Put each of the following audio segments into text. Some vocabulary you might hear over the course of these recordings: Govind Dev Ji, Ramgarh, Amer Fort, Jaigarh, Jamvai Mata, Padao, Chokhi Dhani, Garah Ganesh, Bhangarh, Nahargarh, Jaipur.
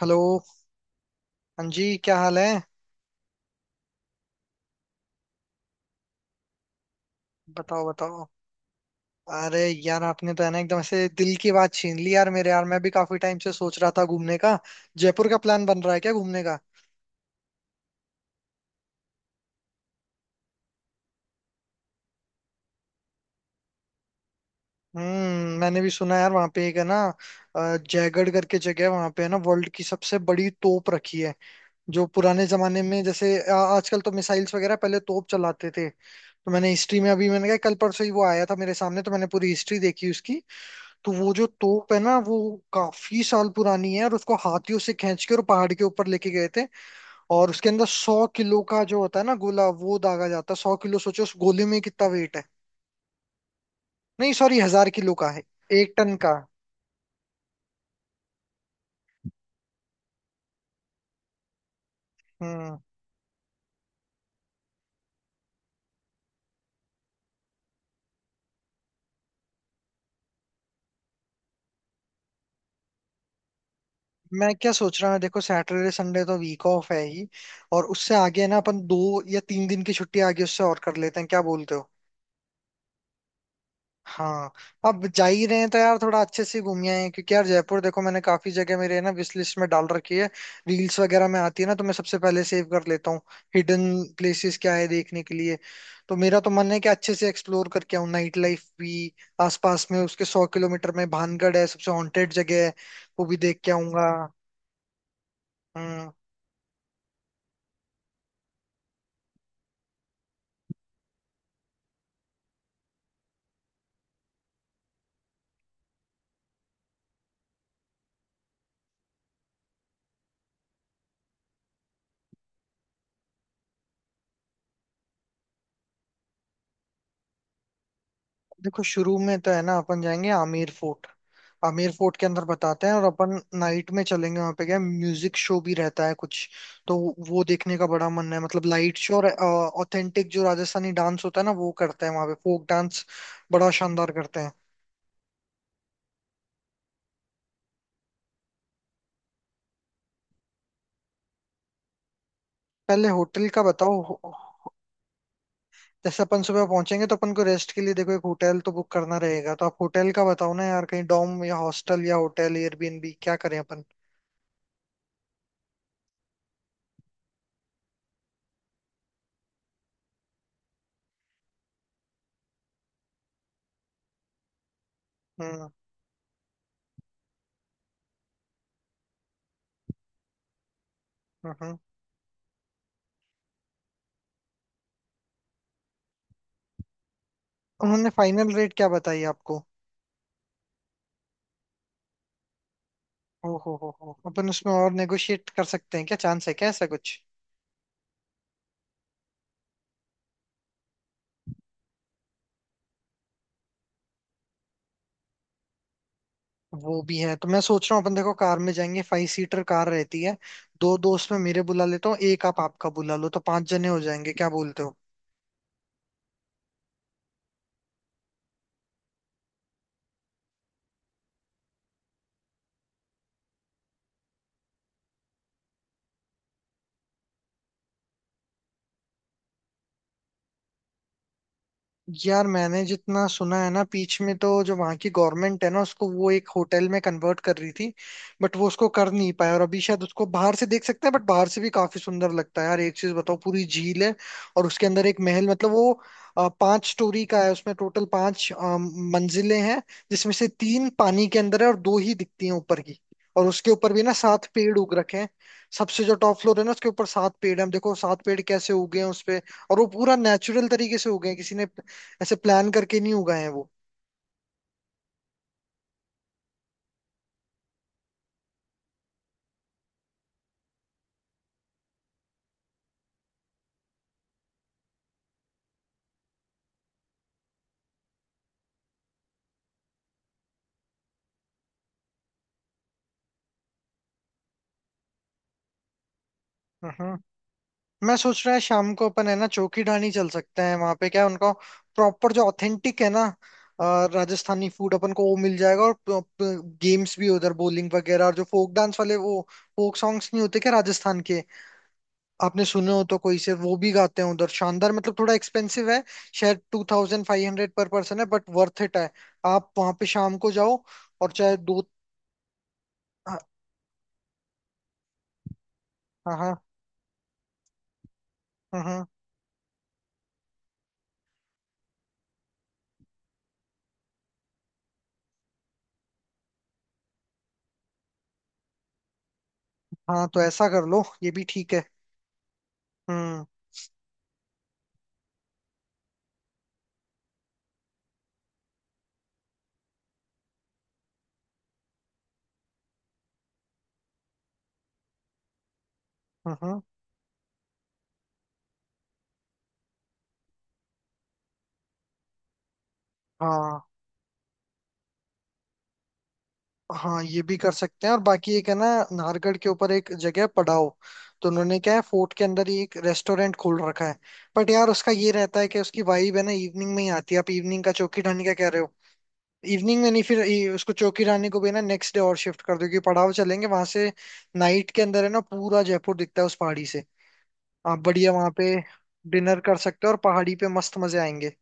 Hello. हाँ जी, क्या हाल है? बताओ बताओ। अरे यार आपने तो है ना एकदम से दिल की बात छीन ली यार, मेरे यार मैं भी काफी टाइम से सोच रहा था घूमने का। जयपुर का प्लान बन रहा है क्या, घूमने का? मैंने भी सुना यार वहाँ पे एक है ना जयगढ़ करके जगह है। वहाँ पे है ना वर्ल्ड की सबसे बड़ी तोप रखी है, जो पुराने जमाने में जैसे आजकल तो मिसाइल्स वगैरह, पहले तोप चलाते थे। तो मैंने हिस्ट्री में अभी मैंने कहा कल परसों ही वो आया था मेरे सामने, तो मैंने पूरी हिस्ट्री देखी उसकी। तो वो जो तोप है ना वो काफी साल पुरानी है, और उसको हाथियों से खींच के और पहाड़ के ऊपर लेके गए थे। और उसके अंदर 100 किलो का जो होता है ना गोला, वो दागा जाता है। 100 किलो सोचो, उस गोले में कितना वेट है। नहीं सॉरी, 1,000 किलो का है। 1 टन का। हम्म मैं क्या सोच रहा हूँ, देखो सैटरडे संडे तो वीक ऑफ है ही, और उससे आगे है ना अपन 2 या 3 दिन की छुट्टी आगे उससे और कर लेते हैं। क्या बोलते हो? हाँ। अब जा ही रहे हैं तो यार थोड़ा अच्छे से घूमिए हैं, क्योंकि यार जयपुर देखो मैंने काफी जगह मेरे ना विश लिस्ट में डाल रखी है। रील्स वगैरह में आती है ना, तो मैं सबसे पहले सेव कर लेता हूँ। हिडन प्लेसेस क्या है देखने के लिए। तो मेरा तो मन है कि अच्छे से एक्सप्लोर करके आऊँ, नाइट लाइफ भी। आसपास में उसके 100 किलोमीटर में भानगढ़ है, सबसे हॉन्टेड जगह है। वो भी देख के आऊंगा। हम्म देखो शुरू में तो है ना अपन जाएंगे आमेर फोर्ट। आमेर फोर्ट के अंदर बताते हैं, और अपन नाइट में चलेंगे। वहां पे क्या म्यूजिक शो भी रहता है कुछ, तो वो देखने का बड़ा मन है। मतलब लाइट शो और ऑथेंटिक जो राजस्थानी डांस होता है ना, वो करते हैं वहां पे, फोक डांस। बड़ा शानदार करते हैं। पहले होटल का बताओ जैसे अपन सुबह पहुंचेंगे तो अपन को रेस्ट के लिए देखो एक होटल तो बुक करना रहेगा। तो आप होटल का बताओ ना यार, कहीं डॉम या हॉस्टल या होटल एयरबीएनबी, क्या करें अपन? हम्म हम्म हम्म। उन्होंने फाइनल रेट क्या बताई आपको? ओ हो, अपन उसमें और नेगोशिएट कर सकते हैं क्या, चांस है क्या ऐसा कुछ? वो भी है। तो मैं सोच रहा हूँ अपन देखो कार में जाएंगे, फाइव सीटर कार रहती है। दो दोस्त मैं मेरे बुला लेता हूँ, एक आप आपका बुला लो, तो पांच जने हो जाएंगे। क्या बोलते हो? यार मैंने जितना सुना है ना, बीच में तो जो वहाँ की गवर्नमेंट है ना, उसको वो एक होटल में कन्वर्ट कर रही थी। बट वो उसको कर नहीं पाया, और अभी शायद उसको बाहर से देख सकते हैं। बट बाहर से भी काफी सुंदर लगता है यार। एक चीज बताओ, पूरी झील है और उसके अंदर एक महल, मतलब वो 5 स्टोरी का है। उसमें टोटल पांच मंजिलें हैं, जिसमें से तीन पानी के अंदर है और दो ही दिखती हैं ऊपर की। और उसके ऊपर भी ना सात पेड़ उग रखे हैं। सबसे जो टॉप फ्लोर है ना उसके ऊपर सात पेड़ हैं। हम देखो सात पेड़ कैसे उगे हैं उसपे, और वो पूरा नेचुरल तरीके से उगे हैं, किसी ने ऐसे प्लान करके नहीं उगाए हैं वो। हम्म मैं सोच रहा है शाम को अपन है ना चौकी ढाणी चल सकते हैं। वहां पे क्या है, उनका प्रॉपर जो ऑथेंटिक है ना राजस्थानी फूड अपन को वो मिल जाएगा। और गेम्स भी उधर, बowling वगैरह, और जो फोक डांस वाले, वो फोक सॉन्ग्स नहीं होते क्या राजस्थान के? आपने सुने हो तो कोई से वो भी गाते हैं उधर, शानदार। मतलब थोड़ा एक्सपेंसिव है, शायद 2,500 पर पर्सन है, बट वर्थ इट है। आप वहां पे शाम को जाओ, और चाहे दो। हाँ हाँ हाँ हाँ हाँ, तो ऐसा कर लो, ये भी ठीक है। हम्म हम्म। हाँ हाँ, ये भी कर सकते हैं। और बाकी एक है ना, नाहरगढ़ के ऊपर एक जगह है, पड़ाव। तो उन्होंने क्या है फोर्ट के अंदर ही एक रेस्टोरेंट खोल रखा है। बट यार उसका ये रहता है कि उसकी वाइब है ना इवनिंग में ही आती है। आप इवनिंग का चौकी ढाणी का कह रहे हो, इवनिंग में नहीं, फिर उसको चौकी ढाणी को भी ना नेक्स्ट डे और शिफ्ट कर दो, क्योंकि पड़ाव चलेंगे वहां से। नाइट के अंदर है ना पूरा जयपुर दिखता है उस पहाड़ी से। आप बढ़िया वहां पे डिनर कर सकते हो, और पहाड़ी पे मस्त मजे आएंगे।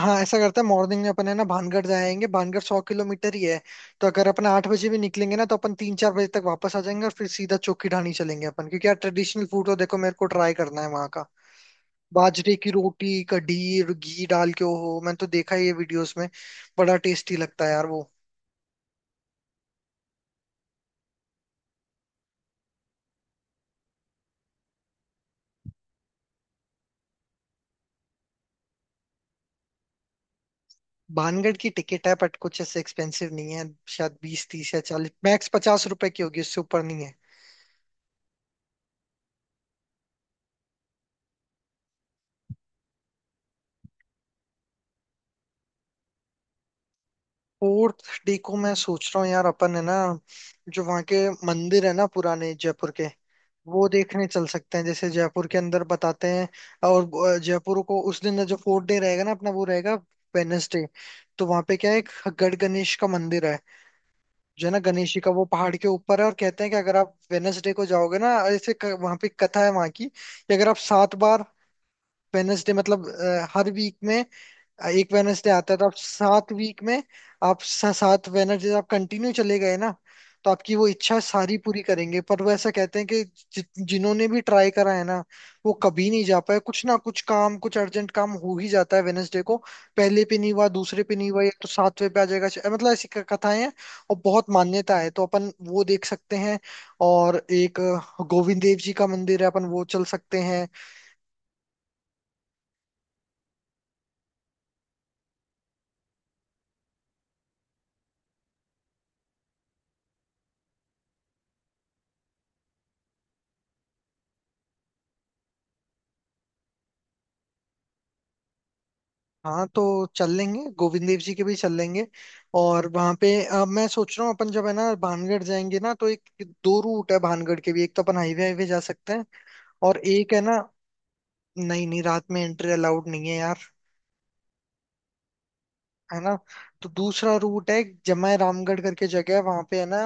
हाँ, ऐसा करते हैं मॉर्निंग में अपन है ना भानगढ़ जाएंगे। भानगढ़ 100 किलोमीटर ही है, तो अगर अपन 8 बजे भी निकलेंगे ना तो अपन 3-4 बजे तक वापस आ जाएंगे। और फिर सीधा चोखी ढाणी चलेंगे अपन, क्योंकि यार ट्रेडिशनल फूड तो देखो मेरे को ट्राई करना है वहाँ का। बाजरे की रोटी, कढ़ी और घी डाल के हो, मैंने तो देखा है ये वीडियोस में, बड़ा टेस्टी लगता है यार वो। भानगढ़ की टिकट है बट कुछ ऐसे एक्सपेंसिव नहीं है। शायद 20, 30 या 40, मैक्स 50 रुपए की होगी, उससे ऊपर नहीं है। फोर्थ डे को मैं सोच रहा हूँ यार, अपन है ना जो वहाँ के मंदिर है ना पुराने जयपुर के, वो देखने चल सकते हैं। जैसे जयपुर के अंदर बताते हैं, और जयपुर को उस दिन जो फोर्थ डे रहेगा ना अपना, वो रहेगा वेनसडे। तो वहां पे क्या है, एक गढ़ गणेश का मंदिर है, जो है ना गणेश जी का वो पहाड़ के ऊपर है। और कहते हैं कि अगर आप वेनसडे को जाओगे ना, ऐसे वहां पे एक कथा है वहां की, कि अगर आप सात बार, वेनसडे मतलब हर वीक में एक वेनसडे आता है, तो आप 7 वीक में, आप सात वेनसडे आप कंटिन्यू चले गए ना, तो आपकी वो इच्छा सारी पूरी करेंगे। पर वो ऐसा कहते हैं कि जिन्होंने भी ट्राई करा है ना, वो कभी नहीं जा पाए। कुछ ना कुछ काम, कुछ अर्जेंट काम हो ही जाता है वेनसडे को। पहले पे नहीं हुआ, दूसरे पे नहीं हुआ, या तो सातवें पे आ जाएगा, मतलब ऐसी कथाएं हैं। और बहुत मान्यता है, तो अपन वो देख सकते हैं। और एक गोविंद देव जी का मंदिर है, अपन वो चल सकते हैं। हाँ तो चल लेंगे, गोविंद देव जी के भी चल लेंगे। और वहां पे मैं सोच रहा हूँ अपन जब है ना भानगढ़ जाएंगे ना तो एक दो रूट है भानगढ़ के भी। एक तो अपन हाईवे हाईवे जा सकते हैं, और एक है ना, नहीं नहीं रात में एंट्री अलाउड नहीं है यार। है ना, तो दूसरा रूट है, जमाय रामगढ़ करके जगह है वहां पे है ना,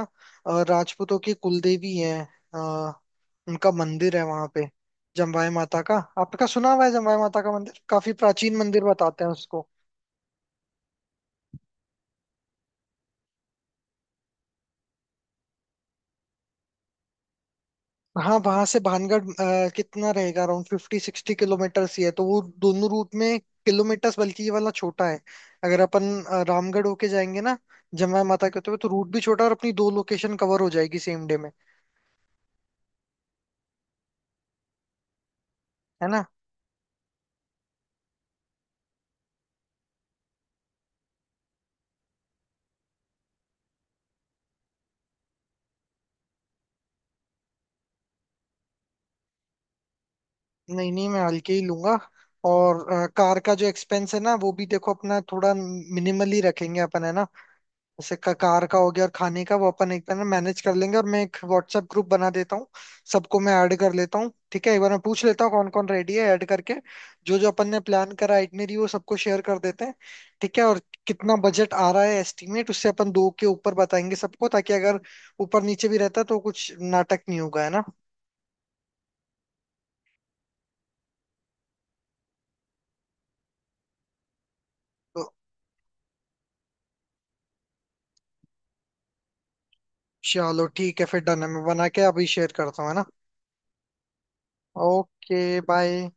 राजपूतों की कुलदेवी है, अ, उनका मंदिर है वहां पे, जमवाय माता का। आपका सुना हुआ है जमवाय माता का मंदिर? काफी प्राचीन मंदिर बताते हैं उसको। हाँ वहां से भानगढ़ कितना रहेगा, अराउंड 50-60 किलोमीटर ही है। तो वो दोनों रूट में किलोमीटर्स, बल्कि ये वाला छोटा है। अगर अपन रामगढ़ होके जाएंगे ना, जमाया माता के होते हुए, तो रूट भी छोटा है और अपनी दो लोकेशन कवर हो जाएगी सेम डे में। है ना, नहीं नहीं मैं हल्के ही लूंगा। और कार का जो एक्सपेंस है ना, वो भी देखो अपना थोड़ा मिनिमली रखेंगे अपन है ना। जैसे कार का हो गया, और खाने का वो अपन एक बार ना मैनेज कर लेंगे। और मैं एक व्हाट्सएप ग्रुप बना देता हूँ, सबको मैं ऐड कर लेता हूँ। ठीक है, एक बार मैं पूछ लेता हूँ कौन कौन रेडी है, ऐड करके जो जो अपन ने प्लान करा आइटनरी वो सबको शेयर कर देते हैं। ठीक है। और कितना बजट आ रहा है एस्टिमेट, उससे अपन दो के ऊपर बताएंगे सबको, ताकि अगर ऊपर नीचे भी रहता तो कुछ नाटक नहीं होगा, है ना। तो चलो ठीक है, फिर डन है, मैं बना के अभी शेयर करता हूँ, है ना। Okay bye.